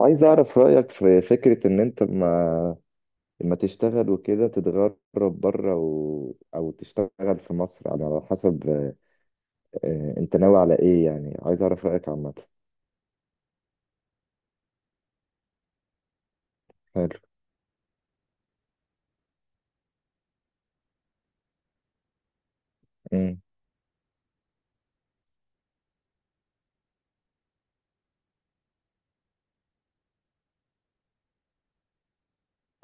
عايز أعرف رأيك في فكرة إن أنت ما لما تشتغل وكده تتغرب بره أو تشتغل في مصر على حسب. أنت ناوي على إيه؟ يعني عايز أعرف رأيك عامة. حلو. أمم.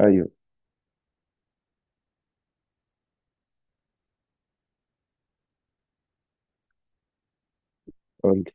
أيوه، قولي.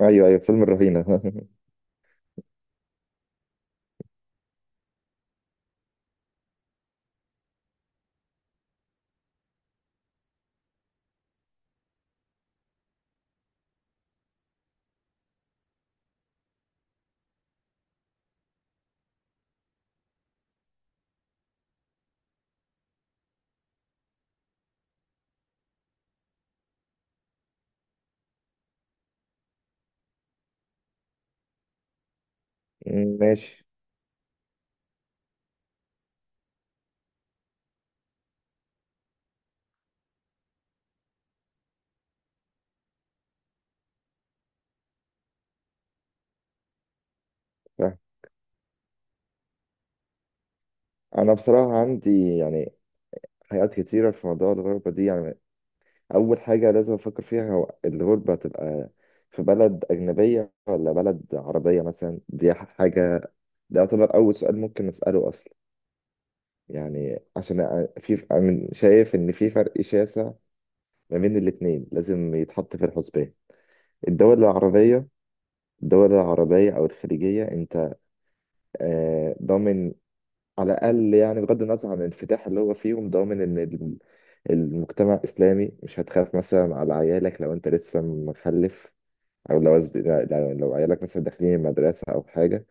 أيوه أيوه، فيلم الرهينة. ماشي. فاهم. أنا بصراحة عندي يعني حاجات كتيرة في موضوع الغربة دي، يعني أول حاجة لازم أفكر فيها هو الغربة هتبقى في بلد أجنبية ولا بلد عربية مثلا. دي حاجة، ده يعتبر أول سؤال ممكن نسأله أصلا. يعني عشان أنا شايف إن في فرق شاسع ما بين الاتنين لازم يتحط في الحسبان. الدول العربية، أو الخليجية أنت ضامن على الأقل، يعني بغض النظر عن الانفتاح اللي هو فيهم، ضامن إن المجتمع الإسلامي مش هتخاف مثلا على عيالك لو أنت لسه مخلف، أو لو لو عيالك مثلا داخلين المدرسة أو حاجة.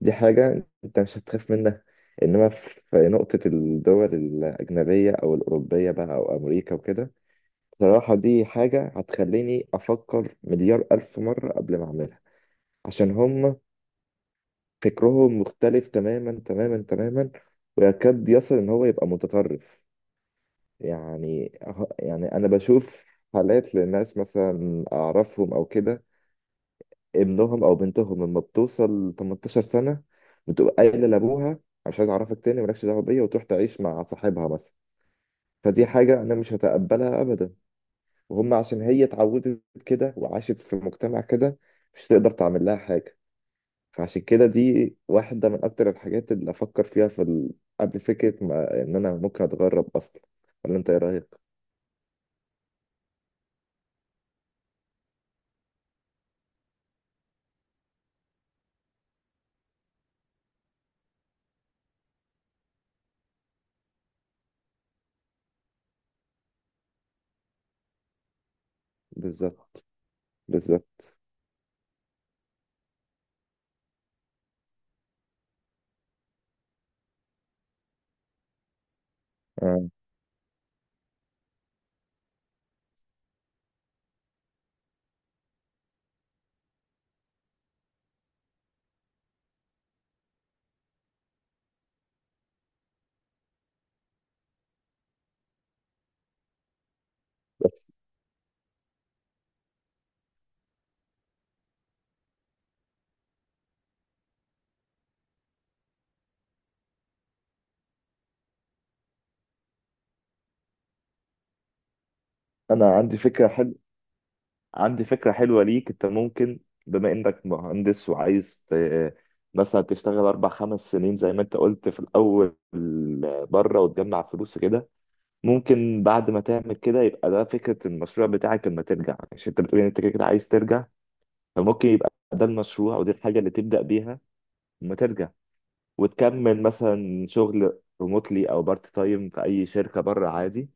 دي حاجة أنت مش هتخاف منها. إنما في نقطة الدول الأجنبية أو الأوروبية بقى، أو أمريكا وكده، بصراحة دي حاجة هتخليني أفكر مليار ألف مرة قبل ما أعملها. عشان هم فكرهم مختلف تماما تماما تماما، ويكاد يصل إن هو يبقى متطرف. يعني يعني أنا بشوف حالات لناس مثلا أعرفهم أو كده، ابنهم او بنتهم لما بتوصل 18 سنه بتبقى قايله لابوها: مش عايز اعرفك تاني، مالكش دعوه بيا، وتروح تعيش مع صاحبها مثلا. فدي حاجه انا مش هتقبلها ابدا. وهم عشان هي اتعودت كده وعاشت في مجتمع كده، مش تقدر تعمل لها حاجه. فعشان كده دي واحده من اكتر الحاجات اللي افكر فيها في قبل فكره ما... ان انا ممكن اتغرب اصلا. ولا انت ايه رايك؟ بالظبط، بالظبط. آه. بس انا عندي فكره حلوه، عندي فكرة حلوة ليك. انت ممكن، بما انك مهندس وعايز مثلا تشتغل اربع خمس سنين زي ما انت قلت في الاول بره وتجمع فلوس كده، ممكن بعد ما تعمل كده يبقى ده فكرة المشروع بتاعك لما ترجع، عشان انت بتقول ان انت كده كده عايز ترجع. فممكن يبقى ده المشروع ودي الحاجة اللي تبدأ بيها لما ترجع، وتكمل مثلا شغل ريموتلي او بارت تايم في اي شركة بره عادي،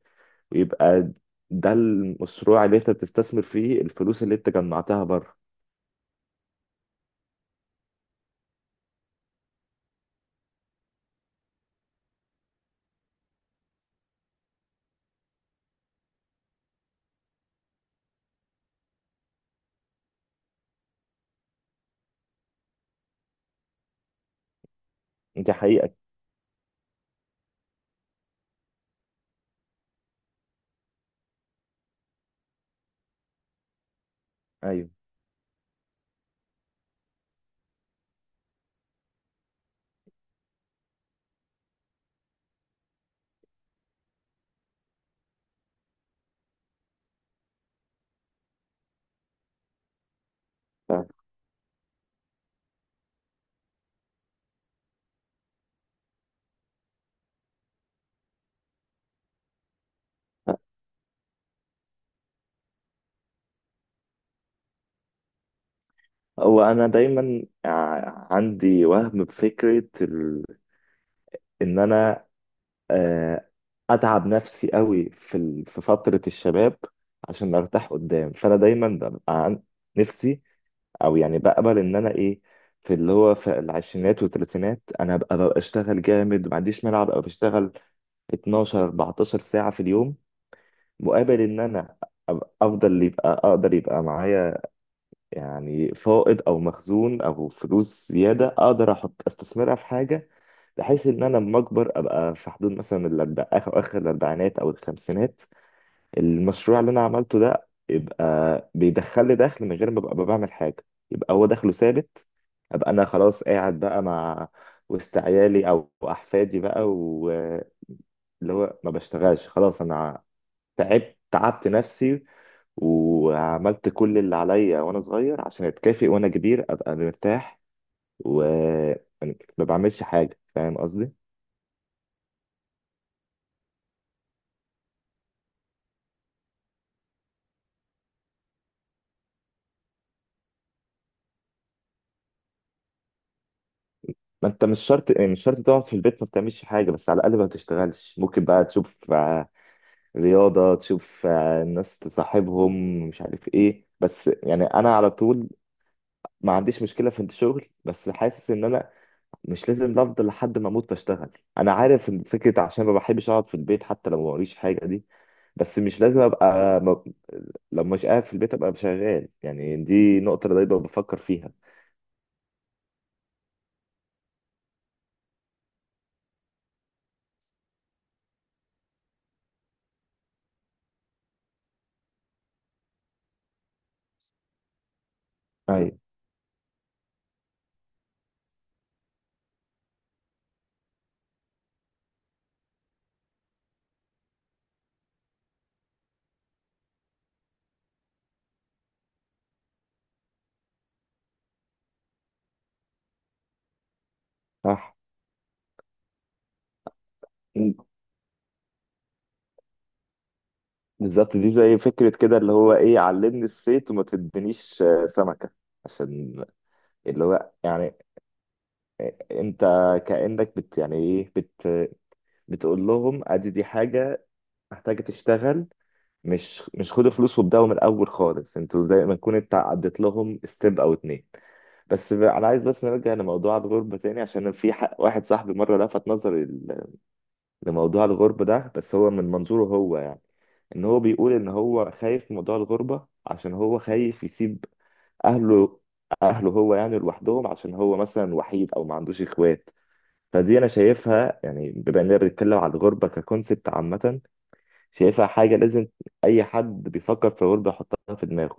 ويبقى ده المشروع اللي انت بتستثمر فيه الفلوس اللي انت جمعتها بره. دي حقيقة. أيوة. ف- هو أنا دايما عندي وهم بفكرة إن أنا، آه، أتعب نفسي قوي في في فترة الشباب عشان أرتاح قدام. فأنا دايما ببقى نفسي، أو يعني بقبل إن أنا إيه، في اللي هو في العشرينات والثلاثينات أنا ببقى أشتغل جامد، ما عنديش مانع أبقى بشتغل 12 14 ساعة في اليوم، مقابل إن أنا أفضل، يبقى أقدر يبقى معايا يعني فائض او مخزون او فلوس زياده، اقدر احط استثمرها في حاجه، بحيث ان انا لما اكبر ابقى في حدود مثلا اخر اخر الاربعينات او الخمسينات، المشروع اللي انا عملته ده يبقى بيدخل لي دخل من غير ما ابقى بعمل حاجه، يبقى هو دخله ثابت. ابقى انا خلاص قاعد بقى مع وسط عيالي او احفادي بقى، واللي هو ما بشتغلش خلاص. انا تعبت نفسي وعملت كل اللي عليا وانا صغير عشان اتكافئ وانا كبير ابقى مرتاح وما بعملش حاجه. فاهم قصدي؟ ما انت مش شرط، يعني مش شرط تقعد في البيت ما بتعملش حاجه، بس على الاقل ما بتشتغلش. ممكن بقى تشوف رياضه، تشوف الناس تصاحبهم، مش عارف ايه. بس يعني انا على طول ما عنديش مشكله في الشغل، بس حاسس ان انا مش لازم افضل لحد ما اموت بشتغل. انا عارف ان فكره عشان ما بحبش اقعد في البيت حتى لو ما وريش حاجه دي، بس مش لازم ابقى ما... لو مش قاعد في البيت ابقى شغال. يعني دي نقطه أنا دايما بفكر فيها. ايوه، صح. م. بالظبط، دي زي فكره كده اللي هو ايه، علمني الصيد وما تدينيش سمكه، عشان اللي هو يعني انت كانك بت يعني ايه بت بتقول لهم ادي دي حاجه محتاجه تشتغل، مش خدوا فلوس وابدأوا من الأول خالص. انتوا زي ما تكون انت عديت لهم ستيب أو اتنين. أنا عايز بس نرجع لموضوع الغربة تاني. عشان في واحد صاحبي مرة لفت نظري لموضوع الغربة ده، بس هو من منظوره هو يعني، إن هو بيقول إن هو خايف من موضوع الغربة عشان هو خايف يسيب أهله أهله هو يعني لوحدهم، عشان هو مثلا وحيد أو ما عندوش إخوات. فدي أنا شايفها، يعني بما إننا بنتكلم على الغربة ككونسبت عامة، شايفها حاجة لازم أي حد بيفكر في غربة يحطها في دماغه،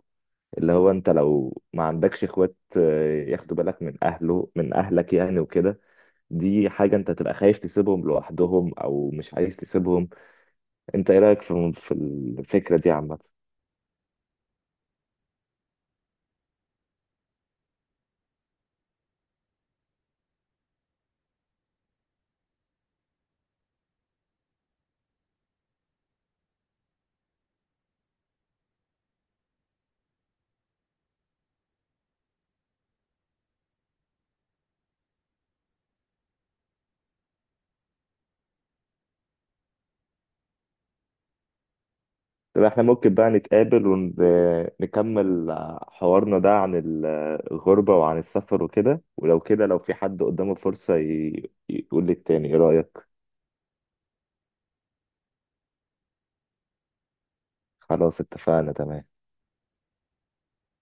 اللي هو أنت لو ما عندكش إخوات ياخدوا بالك من أهله من أهلك يعني وكده. دي حاجة أنت تبقى خايف تسيبهم لوحدهم أو مش عايز تسيبهم. أنت إيه رأيك في الفكرة دي عامة؟ طب إحنا ممكن بقى نتقابل ونكمل حوارنا ده عن الغربة وعن السفر وكده، ولو كده لو في حد قدامه فرصة يقول للتاني إيه رأيك؟ خلاص اتفقنا، تمام.